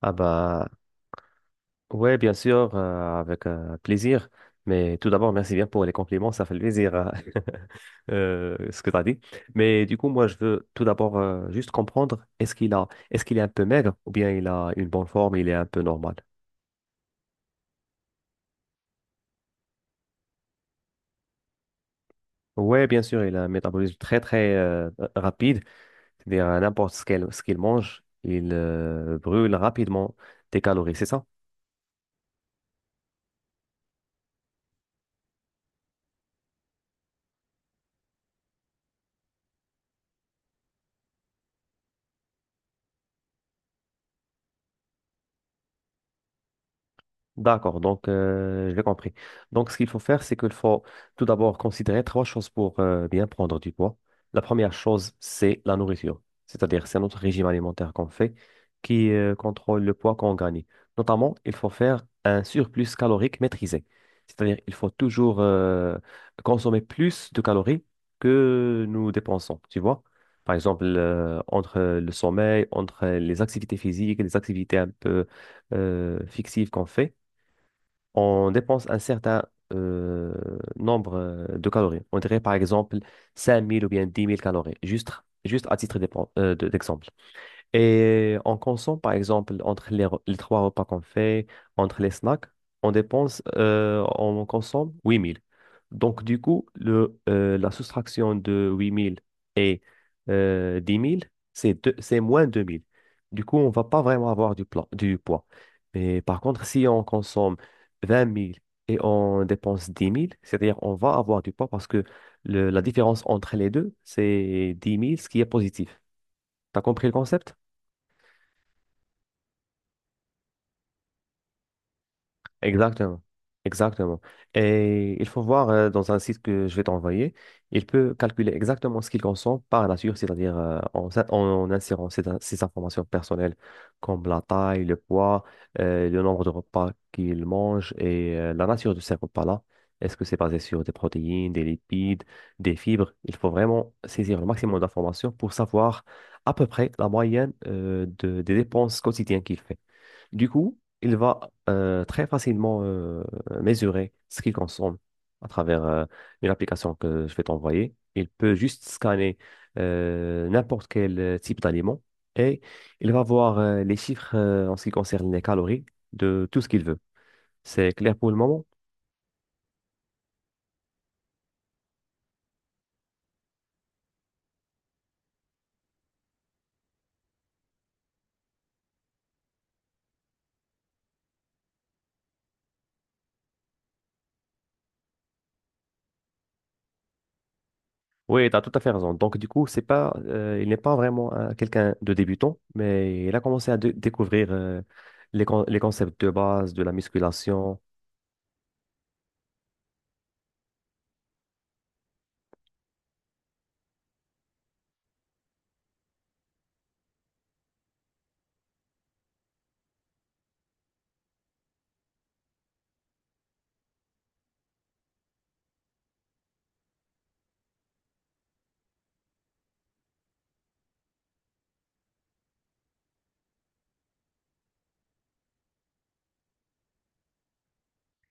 Ah bah ouais, bien sûr, avec plaisir. Mais tout d'abord, merci bien pour les compliments, ça fait plaisir ce que tu as dit. Mais du coup, moi, je veux tout d'abord juste comprendre. Est-ce qu'il est un peu maigre, ou bien il a une bonne forme, il est un peu normal? Ouais, bien sûr, il a un métabolisme très très rapide, c'est-à-dire à n'importe ce qu'il mange, il brûle rapidement des calories, c'est ça? D'accord, donc je l'ai compris. Donc ce qu'il faut faire, c'est qu'il faut tout d'abord considérer trois choses pour bien prendre du poids. La première chose, c'est la nourriture, c'est-à-dire c'est notre régime alimentaire qu'on fait qui contrôle le poids qu'on gagne. Notamment, il faut faire un surplus calorique maîtrisé, c'est-à-dire il faut toujours consommer plus de calories que nous dépensons, tu vois. Par exemple, entre le sommeil, entre les activités physiques, les activités un peu fixives qu'on fait, on dépense un certain euh, nombre de calories. On dirait par exemple 5 000 ou bien 10 000 calories, juste à titre d'exemple. Et on consomme, par exemple, entre les trois repas qu'on fait, entre les snacks, on consomme 8 000. Donc, du coup, la soustraction de 8 000 et 10 000, c'est moins 2 000. Du coup, on ne va pas vraiment avoir du poids. Mais par contre, si on consomme 20 000 et on dépense 10 000, c'est-à-dire on va avoir du poids parce que la différence entre les deux, c'est 10 000, ce qui est positif. T'as compris le concept? Exactement, exactement. Et il faut voir dans un site que je vais t'envoyer, il peut calculer exactement ce qu'il consomme par nature, c'est-à-dire en insérant ces informations personnelles comme la taille, le poids, le nombre de repas qu'il mange et la nature de ces repas-là. Est-ce que c'est basé sur des protéines, des lipides, des fibres? Il faut vraiment saisir le maximum d'informations pour savoir à peu près la moyenne des dépenses quotidiennes qu'il fait. Du coup, il va très facilement mesurer ce qu'il consomme à travers une application que je vais t'envoyer. Il peut juste scanner n'importe quel type d'aliment, et il va voir les chiffres en ce qui concerne les calories de tout ce qu'il veut. C'est clair pour le moment? Oui, tu as tout à fait raison. Donc, du coup, c'est pas, il n'est pas vraiment quelqu'un de débutant, mais il a commencé à découvrir les concepts de base de la musculation.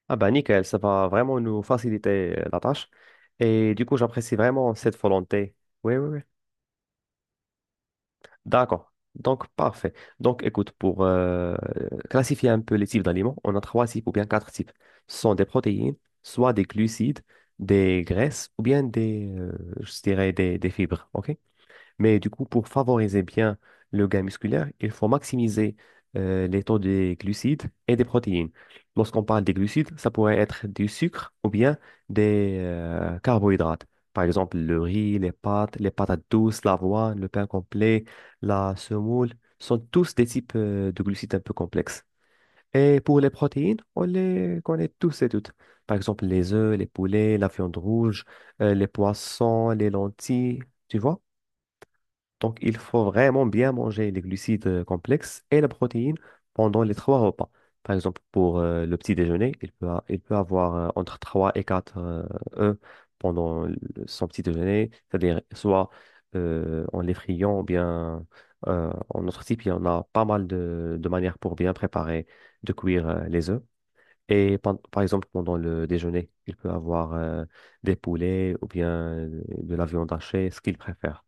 Ah bah nickel, ça va vraiment nous faciliter la tâche. Et du coup, j'apprécie vraiment cette volonté. Oui, oui, oui. D'accord. Donc, parfait. Donc, écoute, pour classifier un peu les types d'aliments, on a trois types ou bien quatre types. Ce sont des protéines, soit des glucides, des graisses ou bien je dirais, des fibres. OK? Mais du coup, pour favoriser bien le gain musculaire, il faut maximiser les taux des glucides et des protéines. Lorsqu'on parle des glucides, ça pourrait être du sucre ou bien des carbohydrates. Par exemple, le riz, les pâtes, les patates douces, l'avoine, le pain complet, la semoule, sont tous des types de glucides un peu complexes. Et pour les protéines, on les connaît tous et toutes. Par exemple, les œufs, les poulets, la viande rouge, les poissons, les lentilles, tu vois? Donc, il faut vraiment bien manger les glucides complexes et la protéine pendant les trois repas. Par exemple, pour le petit déjeuner, il peut avoir entre 3 et 4 œufs pendant son petit déjeuner, c'est-à-dire soit en les friant ou bien en notre type, il y en a pas mal de manières pour bien préparer, de cuire les œufs. Et par exemple, pendant le déjeuner, il peut avoir des poulets ou bien de la viande hachée, ce qu'il préfère.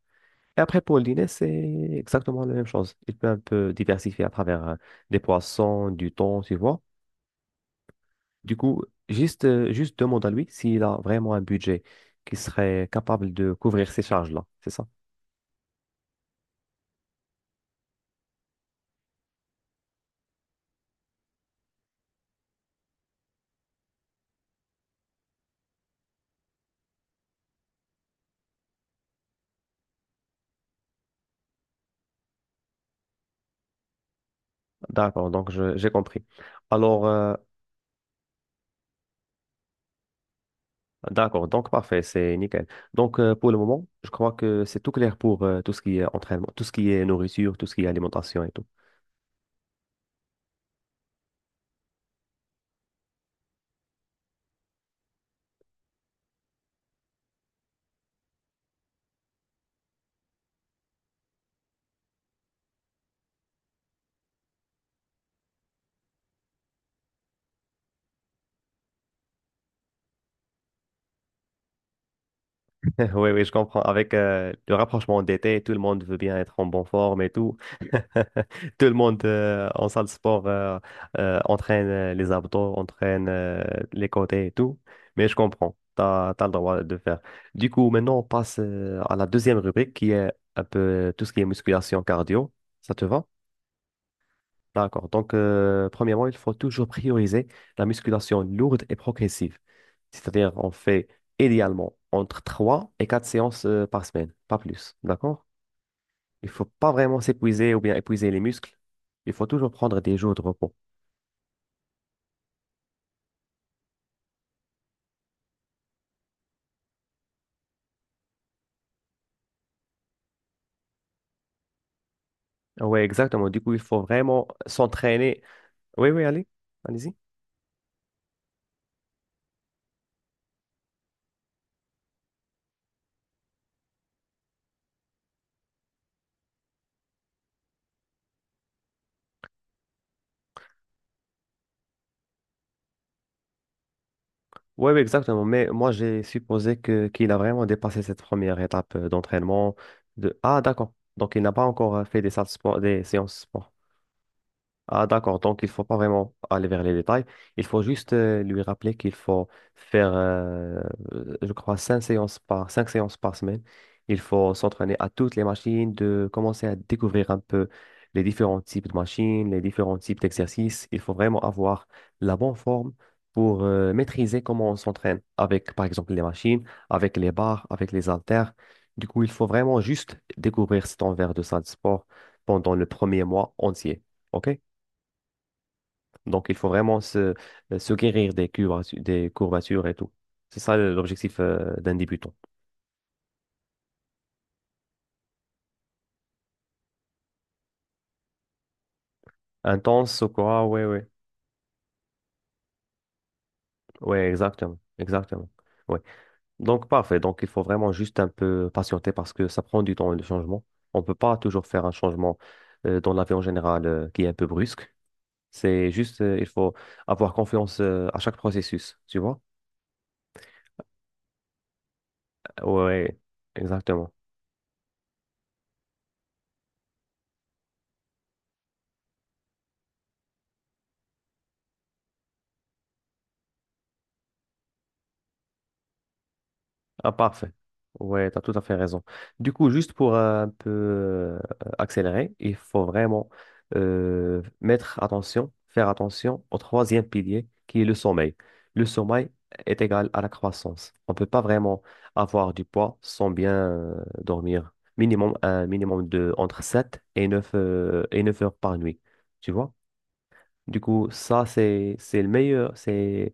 Et après, pour le dîner, c'est exactement la même chose. Il peut un peu diversifier à travers des poissons, du thon, tu vois. Du coup, juste demande à lui s'il a vraiment un budget qui serait capable de couvrir ces charges-là. C'est ça? D'accord, donc j'ai compris. Alors. D'accord, donc parfait, c'est nickel. Donc pour le moment, je crois que c'est tout clair pour tout ce qui est entraînement, tout ce qui est nourriture, tout ce qui est alimentation et tout. Oui, oui, je comprends. Avec le rapprochement d'été, tout le monde veut bien être en bonne forme et tout. Tout le monde en salle de sport entraîne les abdos, entraîne les côtés et tout. Mais je comprends, tu as, le droit de faire. Du coup, maintenant, on passe à la deuxième rubrique qui est un peu tout ce qui est musculation cardio. Ça te va? D'accord. Donc, premièrement, il faut toujours prioriser la musculation lourde et progressive. C'est-à-dire, on fait idéalement entre 3 et 4 séances par semaine, pas plus. D'accord? Il faut pas vraiment s'épuiser ou bien épuiser les muscles. Il faut toujours prendre des jours de repos. Oui, exactement. Du coup, il faut vraiment s'entraîner. Oui, oui, allez, allez-y. Oui, oui, exactement. Mais moi, j'ai supposé que qu'il a vraiment dépassé cette première étape d'entraînement. De... Ah, d'accord. Donc, il n'a pas encore fait des séances. Ah, d'accord. Donc, il faut pas vraiment aller vers les détails. Il faut juste lui rappeler qu'il faut faire, euh, je crois, cinq séances par semaine. Il faut s'entraîner à toutes les machines, de commencer à découvrir un peu les différents types de machines, les différents types d'exercices. Il faut vraiment avoir la bonne forme pour maîtriser comment on s'entraîne avec, par exemple, les machines, avec les barres, avec les haltères. Du coup, il faut vraiment juste découvrir cet envers de salle de sport pendant le premier mois entier. OK? Donc, il faut vraiment se guérir des courbatures et tout. C'est ça l'objectif d'un débutant. Intense au quoi? Ouais, ouais. Ouais, exactement. Exactement. Ouais. Donc, parfait. Donc, il faut vraiment juste un peu patienter parce que ça prend du temps, le changement. On ne peut pas toujours faire un changement dans la vie en général qui est un peu brusque. Il faut avoir confiance à chaque processus, tu vois? Ouais, ouais, exactement. Ah, parfait. Ouais, tu as tout à fait raison. Du coup, juste pour un peu accélérer, il faut vraiment faire attention au troisième pilier qui est le sommeil. Le sommeil est égal à la croissance. On ne peut pas vraiment avoir du poids sans bien dormir. Minimum, un minimum de entre 7 et 9 heures par nuit. Tu vois? Du coup, ça, c'est le meilleur, c'est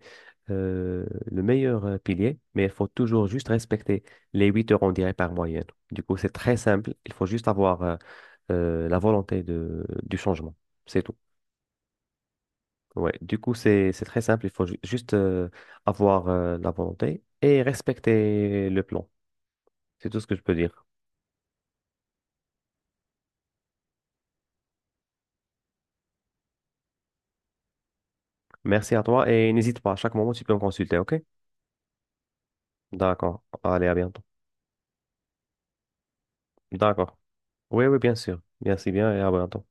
euh, le meilleur pilier, mais il faut toujours juste respecter les 8 heures, on dirait, par moyenne. Du coup, c'est très simple. Il faut juste avoir la volonté du changement. C'est tout. Ouais. Du coup, c'est très simple. Il faut juste avoir la volonté et respecter le plan. C'est tout ce que je peux dire. Merci à toi et n'hésite pas, à chaque moment, tu peux me consulter, OK? D'accord. Allez, à bientôt. D'accord. Oui, oui, bien sûr. Merci bien et à bientôt.